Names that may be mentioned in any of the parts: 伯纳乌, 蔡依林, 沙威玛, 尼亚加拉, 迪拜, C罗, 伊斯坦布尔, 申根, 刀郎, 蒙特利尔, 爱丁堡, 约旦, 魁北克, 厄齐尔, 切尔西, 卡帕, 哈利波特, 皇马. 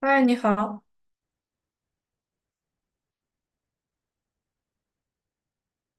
嗨，你好。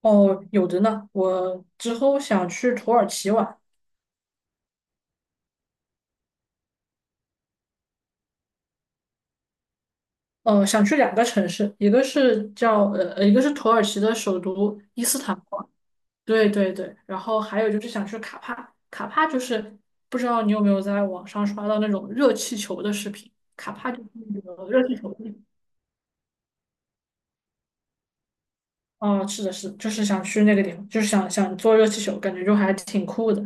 哦，有的呢。我之后想去土耳其玩，想去两个城市，一个是叫一个是土耳其的首都伊斯坦布尔，对对对。然后还有就是想去卡帕，卡帕就是不知道你有没有在网上刷到那种热气球的视频，卡帕就是那个热气球地方。哦，是的，是的，就是想去那个地方，就是想坐热气球，感觉就还挺酷的。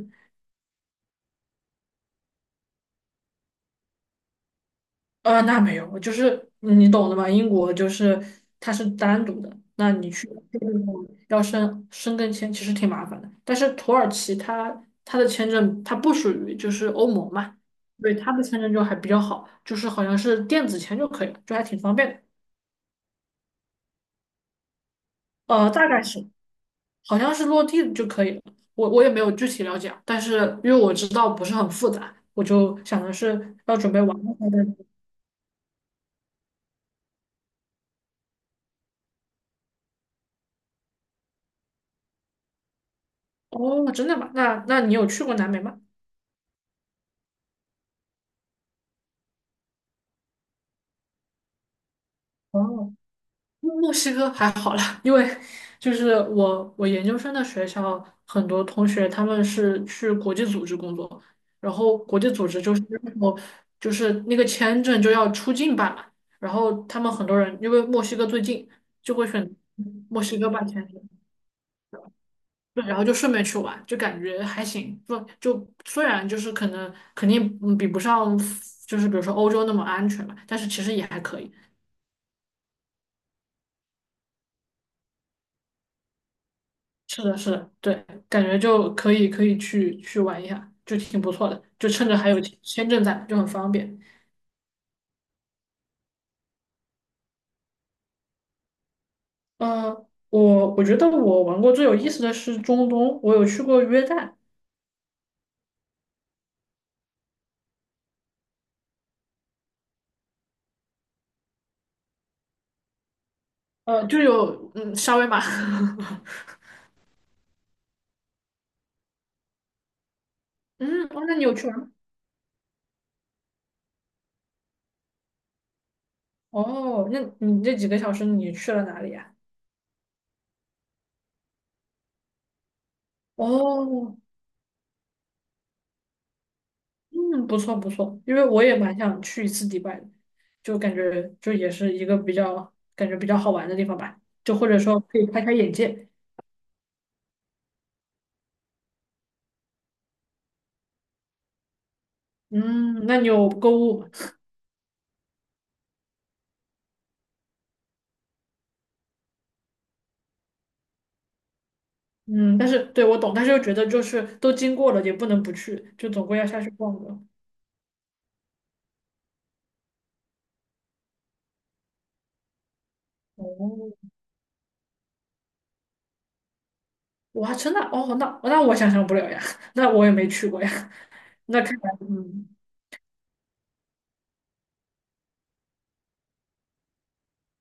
呃，那没有，就是嗯你懂的嘛，英国就是它是单独的，那你去这个地方要申根签其实挺麻烦的。但是土耳其它的签证它不属于就是欧盟嘛，对它的签证就还比较好，就是好像是电子签就可以了，就还挺方便的。呃，大概是好像是落地就可以了，我也没有具体了解啊，但是因为我知道不是很复杂，我就想的是要准备玩一话再。哦，真的吗？那那你有去过南美吗？哦，墨西哥还好啦，因为就是我研究生的学校很多同学他们是去国际组织工作，然后国际组织就是我就是那个签证就要出境办嘛，然后他们很多人因为墨西哥最近就会选墨西哥办签证，对，然后就顺便去玩，就感觉还行，不就虽然就是可能肯定嗯比不上就是比如说欧洲那么安全嘛，但是其实也还可以。是的，是的，对，感觉就可以去去玩一下，就挺不错的，就趁着还有签证在，就很方便。呃，我觉得我玩过最有意思的是中东，我有去过约旦，呃，就有嗯沙威玛，嗯，哦，那你有去玩吗？哦，那你这几个小时你去了哪里呀？哦，嗯，不错不错，因为我也蛮想去一次迪拜的，就感觉就也是一个比较感觉比较好玩的地方吧，就或者说可以开开眼界。嗯，那你有购物吗？嗯，但是对我懂，但是又觉得就是都经过了，也不能不去，就总归要下去逛的。哦，我还真的哦，那那我想象不了呀，那我也没去过呀。那看来，嗯，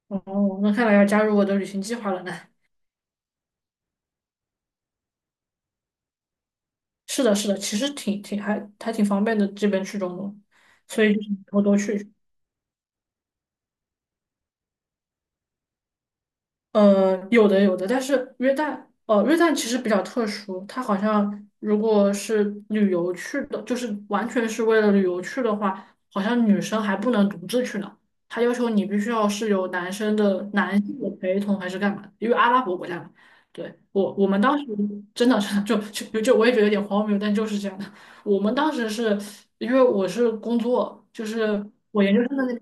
哦，那看来要加入我的旅行计划了呢。是的，是的，其实挺挺还还挺方便的，这边去中东，所以就是以后多去。呃，有的有的，但是约旦，呃，约旦其实比较特殊，它好像如果是旅游去的，就是完全是为了旅游去的话，好像女生还不能独自去呢，它要求你必须要是有男生的男性的陪同还是干嘛的因为阿拉伯国家嘛。对，我们当时真的是 就我也觉得有点荒谬，但就是这样的。我们当时是因为我是工作，就是。我研究生的那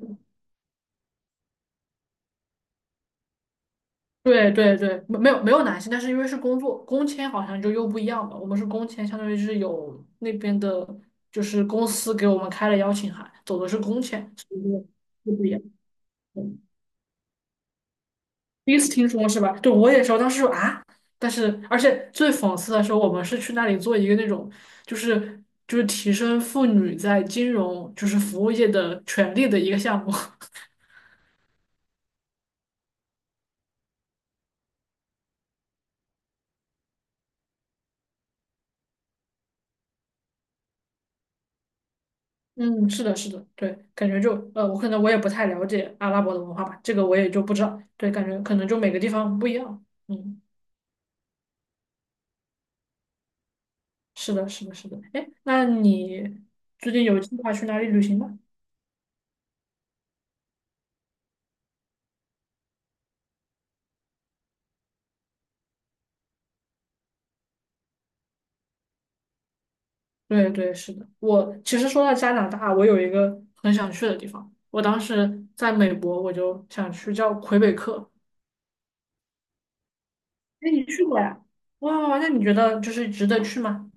对对对，没有没有男性，但是因为是工作工签，好像就又不一样吧。我们是工签，相当于是有那边的，就是公司给我们开了邀请函，走的是工签，所以就就不一样。嗯，第一次听说是吧？对，我也说当时说啊，但是而且最讽刺的是，我们是去那里做一个那种，就是提升妇女在金融就是服务业的权利的一个项目。嗯，是的，是的，对，感觉就我可能我也不太了解阿拉伯的文化吧，这个我也就不知道。对，感觉可能就每个地方不一样。嗯，是的，是的，是的。哎，那你最近有计划去哪里旅行吗？对，对，是的。我其实说到加拿大，我有一个很想去的地方。我当时在美国，我就想去叫魁北克。哎，你去过呀？哇，那你觉得就是值得去吗？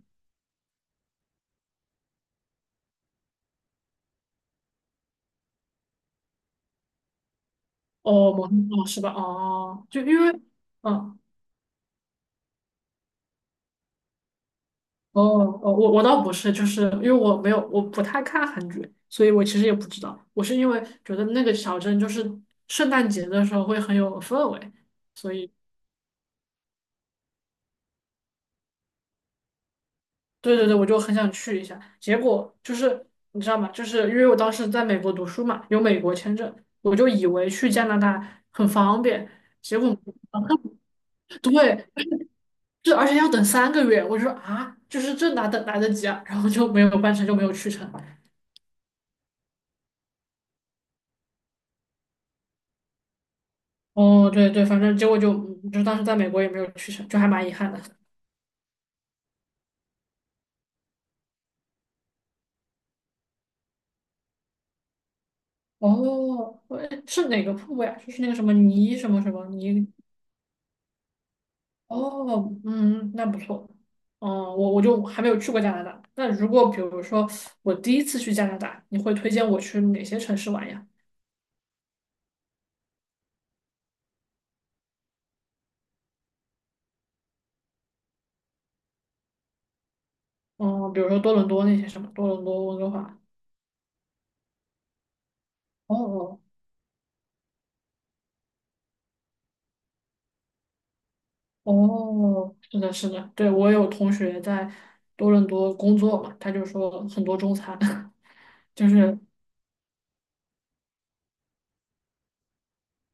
哦，蒙特利尔是吧？哦，就因为嗯。哦哦，我倒不是，就是因为我没有，我不太看韩剧，所以我其实也不知道。我是因为觉得那个小镇就是圣诞节的时候会很有氛围，所以对对对，我就很想去一下。结果就是你知道吗？就是因为我当时在美国读书嘛，有美国签证，我就以为去加拿大很方便，结果啊，对，这而且要等三个月，我就说啊，就是这哪等来得及啊？然后就没有办成就没有去成。哦，对对，反正结果就嗯就当时在美国也没有去成，就还蛮遗憾的。哦，喂是哪个瀑布呀？就是那个什么尼什么什么尼？哦，嗯，那不错。嗯，我就还没有去过加拿大。那如果比如说我第一次去加拿大，你会推荐我去哪些城市玩呀？嗯，比如说多伦多那些什么，多伦多、温哥华。哦哦哦，是的，是的，对，我有同学在多伦多工作嘛，他就说很多中餐。就是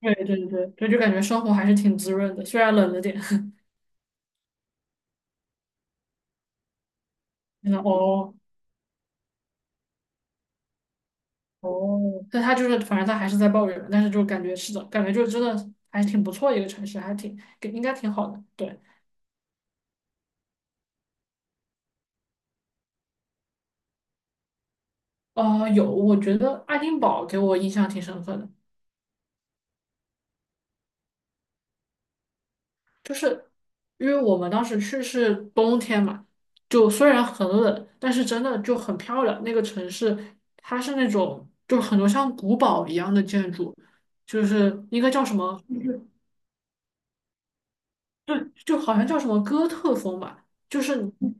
对对对，对，就感觉生活还是挺滋润的，虽然冷了点。真的哦。哦，但他就是，反正他还是在抱怨，但是就感觉是的，感觉就真的还挺不错一个城市，还挺给应该挺好的。对，呃，有，我觉得爱丁堡给我印象挺深刻的，就是因为我们当时去是冬天嘛，就虽然很冷，但是真的就很漂亮。那个城市它是那种就很多像古堡一样的建筑，就是应该叫什么？就就好像叫什么哥特风吧，嗯。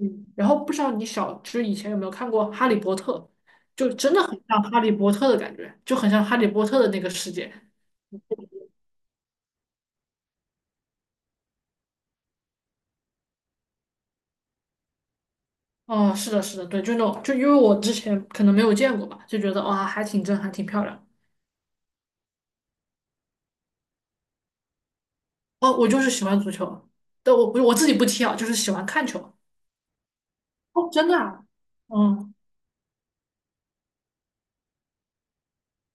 嗯，然后不知道你小芝以前有没有看过《哈利波特》，就真的很像《哈利波特》的感觉，就很像《哈利波特》的那个世界。哦，是的，是的，对，就那种，就因为我之前可能没有见过吧，就觉得哇，还挺震撼，挺漂亮。哦，我就是喜欢足球，但我自己不踢啊，就是喜欢看球。哦，真的啊？嗯，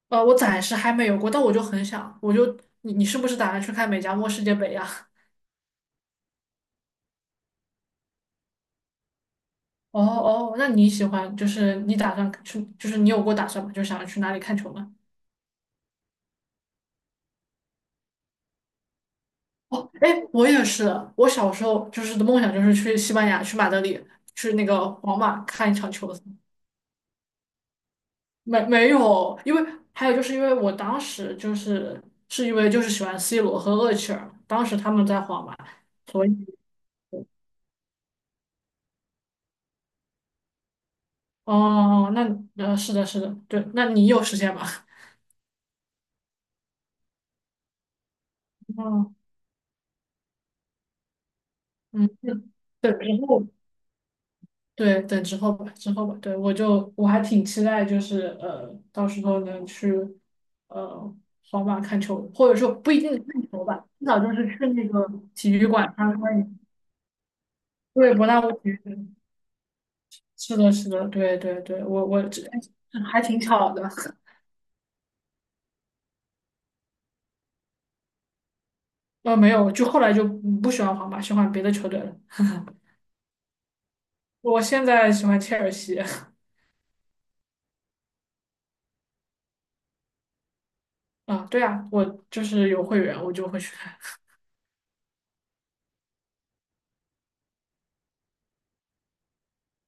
呃，我暂时还没有过，但我就很想，我就你你是不是打算去看美加墨世界杯呀？哦哦，那你喜欢就是你打算去，就是你有过打算吗？就想要去哪里看球吗？哦，哎，我也是，我小时候就是的梦想就是去西班牙，去马德里，去那个皇马看一场球赛。没有，因为还有就是因为我当时就是是因为就是喜欢 C 罗和厄齐尔，当时他们在皇马，所以哦，那呃是的，是的，对，那你有时间吗？嗯。嗯，对，然后。对，等之后吧，之后吧。对，我就我还挺期待，就是呃，到时候能去呃皇马看球，或者说不一定看球吧，至少就是去那个体育馆参观一下。对，伯纳乌体育馆。是的，是的，对对对，我我这还挺巧的。呃，没有，就后来就不喜欢皇马，喜欢别的球队了。我现在喜欢切尔西。啊，对啊，我就是有会员，我就会去看。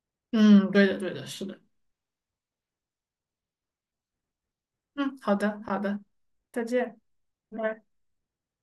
嗯，对的，对的，是的。嗯，好的，好的，再见。拜拜。